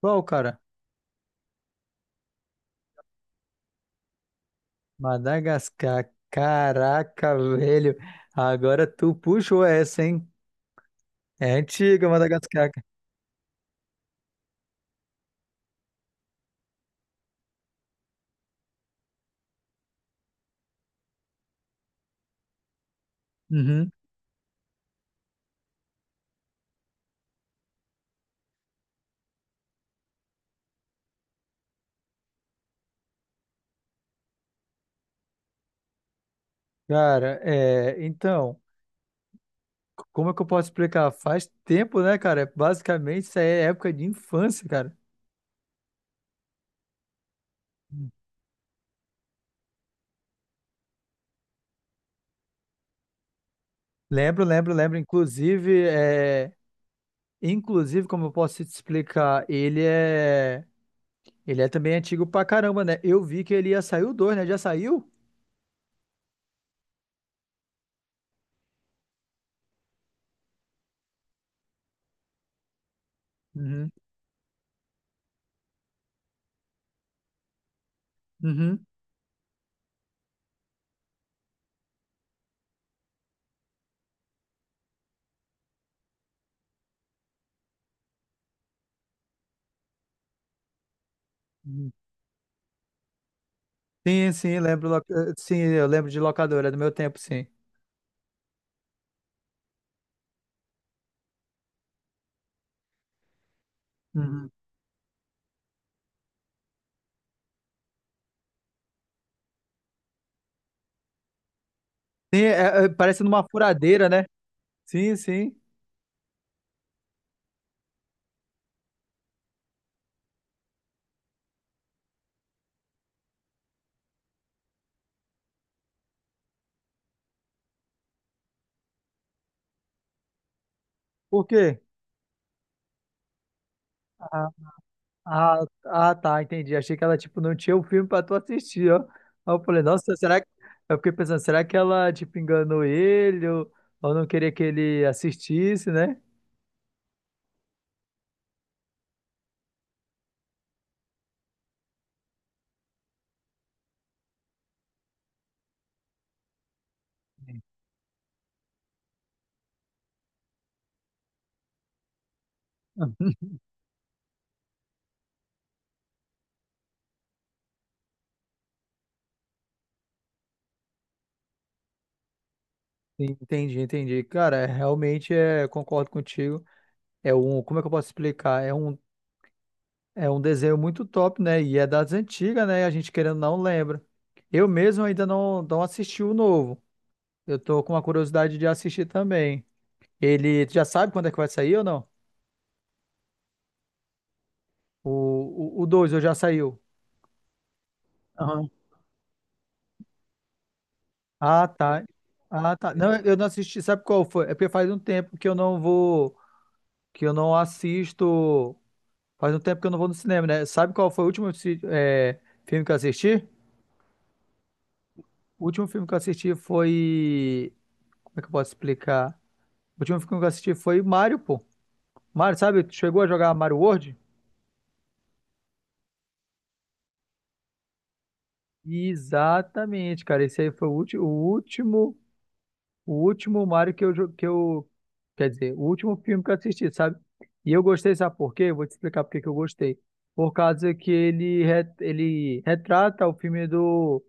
Qual, cara? Madagascar. Caraca, velho. Agora tu puxou essa, hein? É antiga, Madagascar, cara. Uhum. Cara, então, como é que eu posso explicar? Faz tempo, né, cara? Basicamente, isso aí é época de infância, cara. Lembro, lembro, lembro. Inclusive, inclusive, como eu posso te explicar, ele é também antigo pra caramba, né? Eu vi que ele ia sair o 2, né? Já saiu? Uhum. Uhum. Uhum. Sim, sim, lembro. Sim, eu lembro de locadora é do meu tempo, sim. Uhum. Sim, é, é, parece numa furadeira, né? Sim, sim. Por quê? Ah, ah, ah, tá, entendi. Achei que ela, tipo, não tinha o filme pra tu assistir, ó. Aí eu falei, nossa, será que... Eu fiquei pensando, será que ela, tipo, enganou ele ou não queria que ele assistisse, né? Sim, entendi, entendi. Cara, realmente concordo contigo. Como é que eu posso explicar? É um desenho muito top, né? E é das antigas, né? A gente querendo ou não lembra. Eu mesmo ainda não, não assisti o novo. Eu tô com uma curiosidade de assistir também. Ele tu já sabe quando é que vai sair ou não? O 2 ou já saiu? Aham. Ah, tá. Ah, tá. Não, eu não assisti. Sabe qual foi? É porque faz um tempo que eu não vou, que eu não assisto. Faz um tempo que eu não vou no cinema, né? Sabe qual foi o último filme que eu assisti? O último filme que eu assisti foi. Como é que eu posso explicar? O último filme que eu assisti foi Mario, pô. Mario, sabe? Tu chegou a jogar Mario World? Exatamente, cara. Esse aí foi o último, o último, o último Mario que eu, quer dizer, o último filme que eu assisti, sabe? E eu gostei, sabe por quê? Eu vou te explicar por que que eu gostei. Por causa que ele retrata o filme do,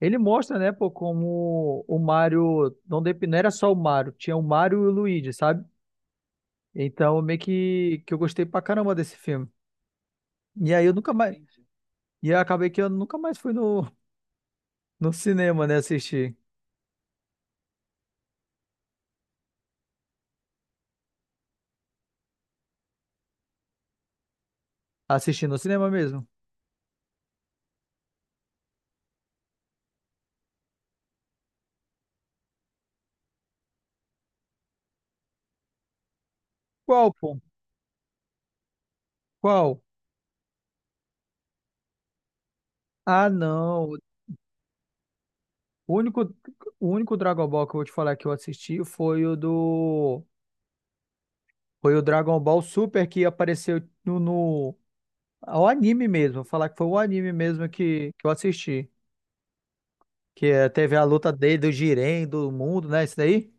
ele mostra, né, pô, como o Mario, não, não era só o Mario, tinha o Mario e o Luigi, sabe? Então, meio que eu gostei pra caramba desse filme. E aí eu nunca mais, e eu acabei que eu nunca mais fui no, no cinema, né? Assistir. Assistir no cinema mesmo. Qual, pô? Qual? Ah, não. O único, o único Dragon Ball que eu vou te falar que eu assisti foi o do. Foi o Dragon Ball Super que apareceu no, no o anime mesmo. Vou falar que foi o anime mesmo que eu assisti. Que eh, teve a luta dele, do Jiren, do mundo, né? Isso daí?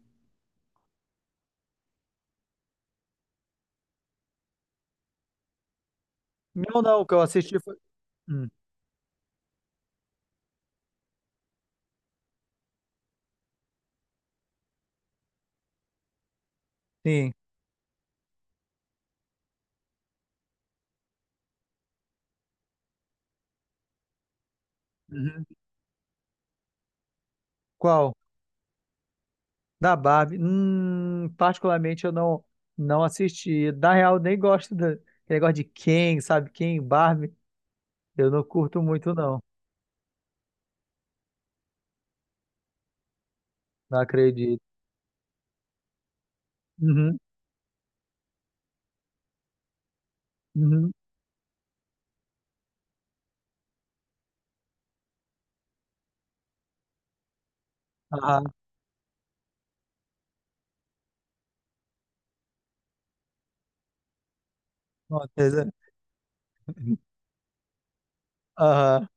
Não, não. O que eu assisti foi. Hum, sim. Uhum. Qual? Da Barbie, particularmente eu não não assisti. Na real, nem gosto do negócio de Ken, sabe? Ken, Barbie, eu não curto muito, não. Não acredito. Uhum, uhum. Ah, com certeza. Aham.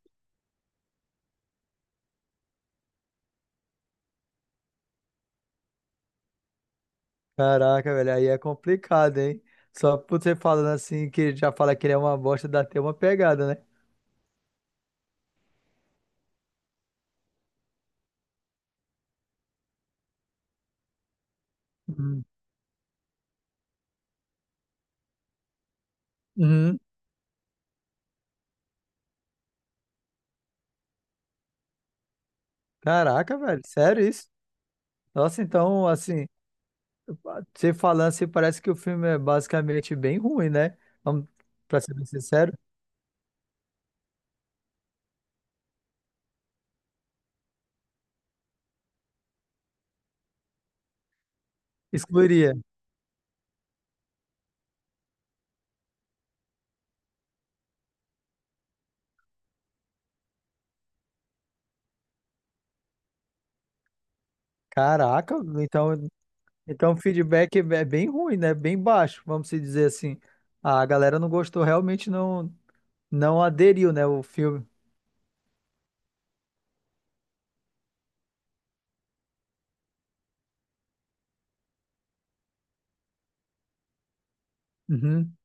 Caraca, velho, aí é complicado, hein? Só por você falando assim, que já fala que ele é uma bosta, dá até uma pegada, né? Uhum. Uhum. Caraca, velho, sério isso? Nossa, então, assim. Você falando assim, parece que o filme é basicamente bem ruim, né? Vamos, pra ser bem sincero, excluiria. Caraca, então, então o feedback é bem ruim, né? Bem baixo, vamos se dizer assim. A galera não gostou, realmente não, não aderiu, né, o filme. Uhum,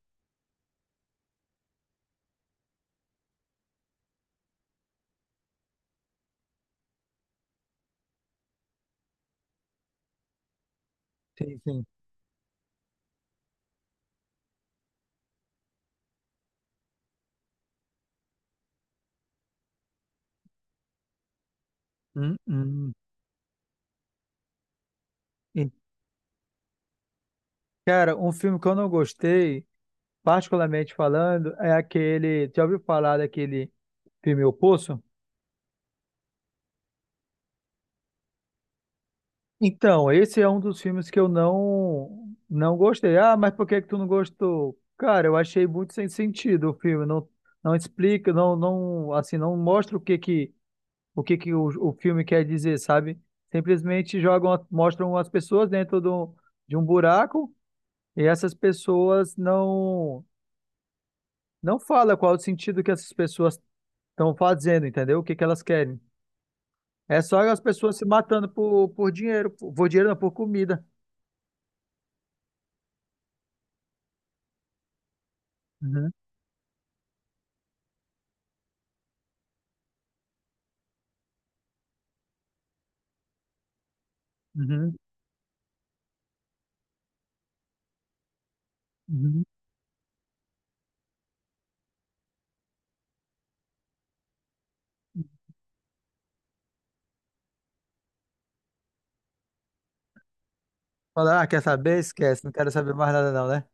sim, sim. Hum, hum. E, cara, um filme que eu não gostei, particularmente falando, é aquele. Já ouviu falar daquele filme O Poço? Então, esse é um dos filmes que eu não não gostei. Ah, mas por que que tu não gostou? Cara, eu achei muito sem sentido o filme. Não, não explica, não, não, assim, não mostra o que que o filme quer dizer, sabe? Simplesmente jogam, mostram as pessoas dentro do, de um buraco e essas pessoas não não fala qual é o sentido que essas pessoas estão fazendo, entendeu? O que que elas querem? É só as pessoas se matando por dinheiro, não, por comida. Uhum, uhum. Uhum. Fala, ah, quer saber? Esquece, não quero saber mais nada não, né?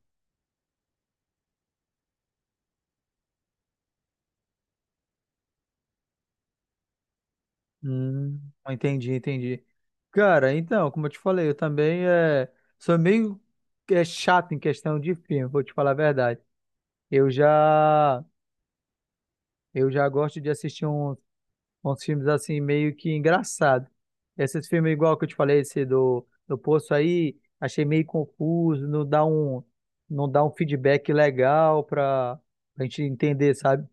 Hum, entendi, entendi. Cara, então, como eu te falei, eu também sou meio chato em questão de filme, vou te falar a verdade. Eu já, eu já gosto de assistir uns filmes assim, meio que engraçado. Esses filmes igual que eu te falei, esse do Poço aí, achei meio confuso, não dá um feedback legal pra, pra gente entender, sabe?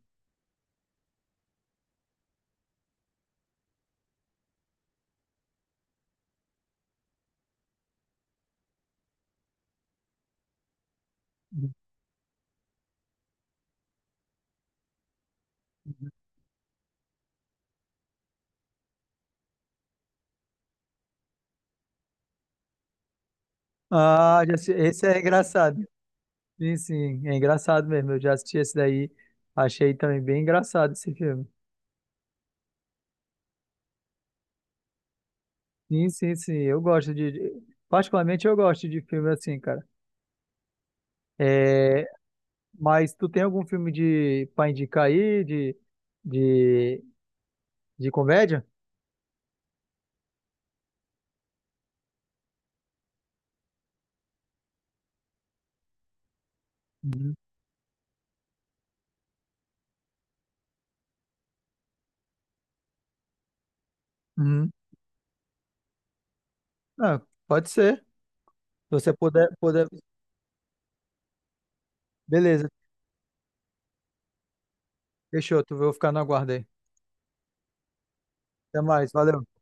Ah, já sei, esse é engraçado. Sim, sim, é engraçado mesmo. Eu já assisti esse daí, achei também bem engraçado esse filme. Sim, sim, sim, eu gosto de. De- Particularmente eu gosto de filme assim, cara. É... Mas tu tem algum filme de pra indicar aí, de, de comédia? Uhum. Uhum. Ah, pode ser. Se você puder, puder. Beleza, fechou, tu vou ficar no aguardo aí. Até mais, valeu.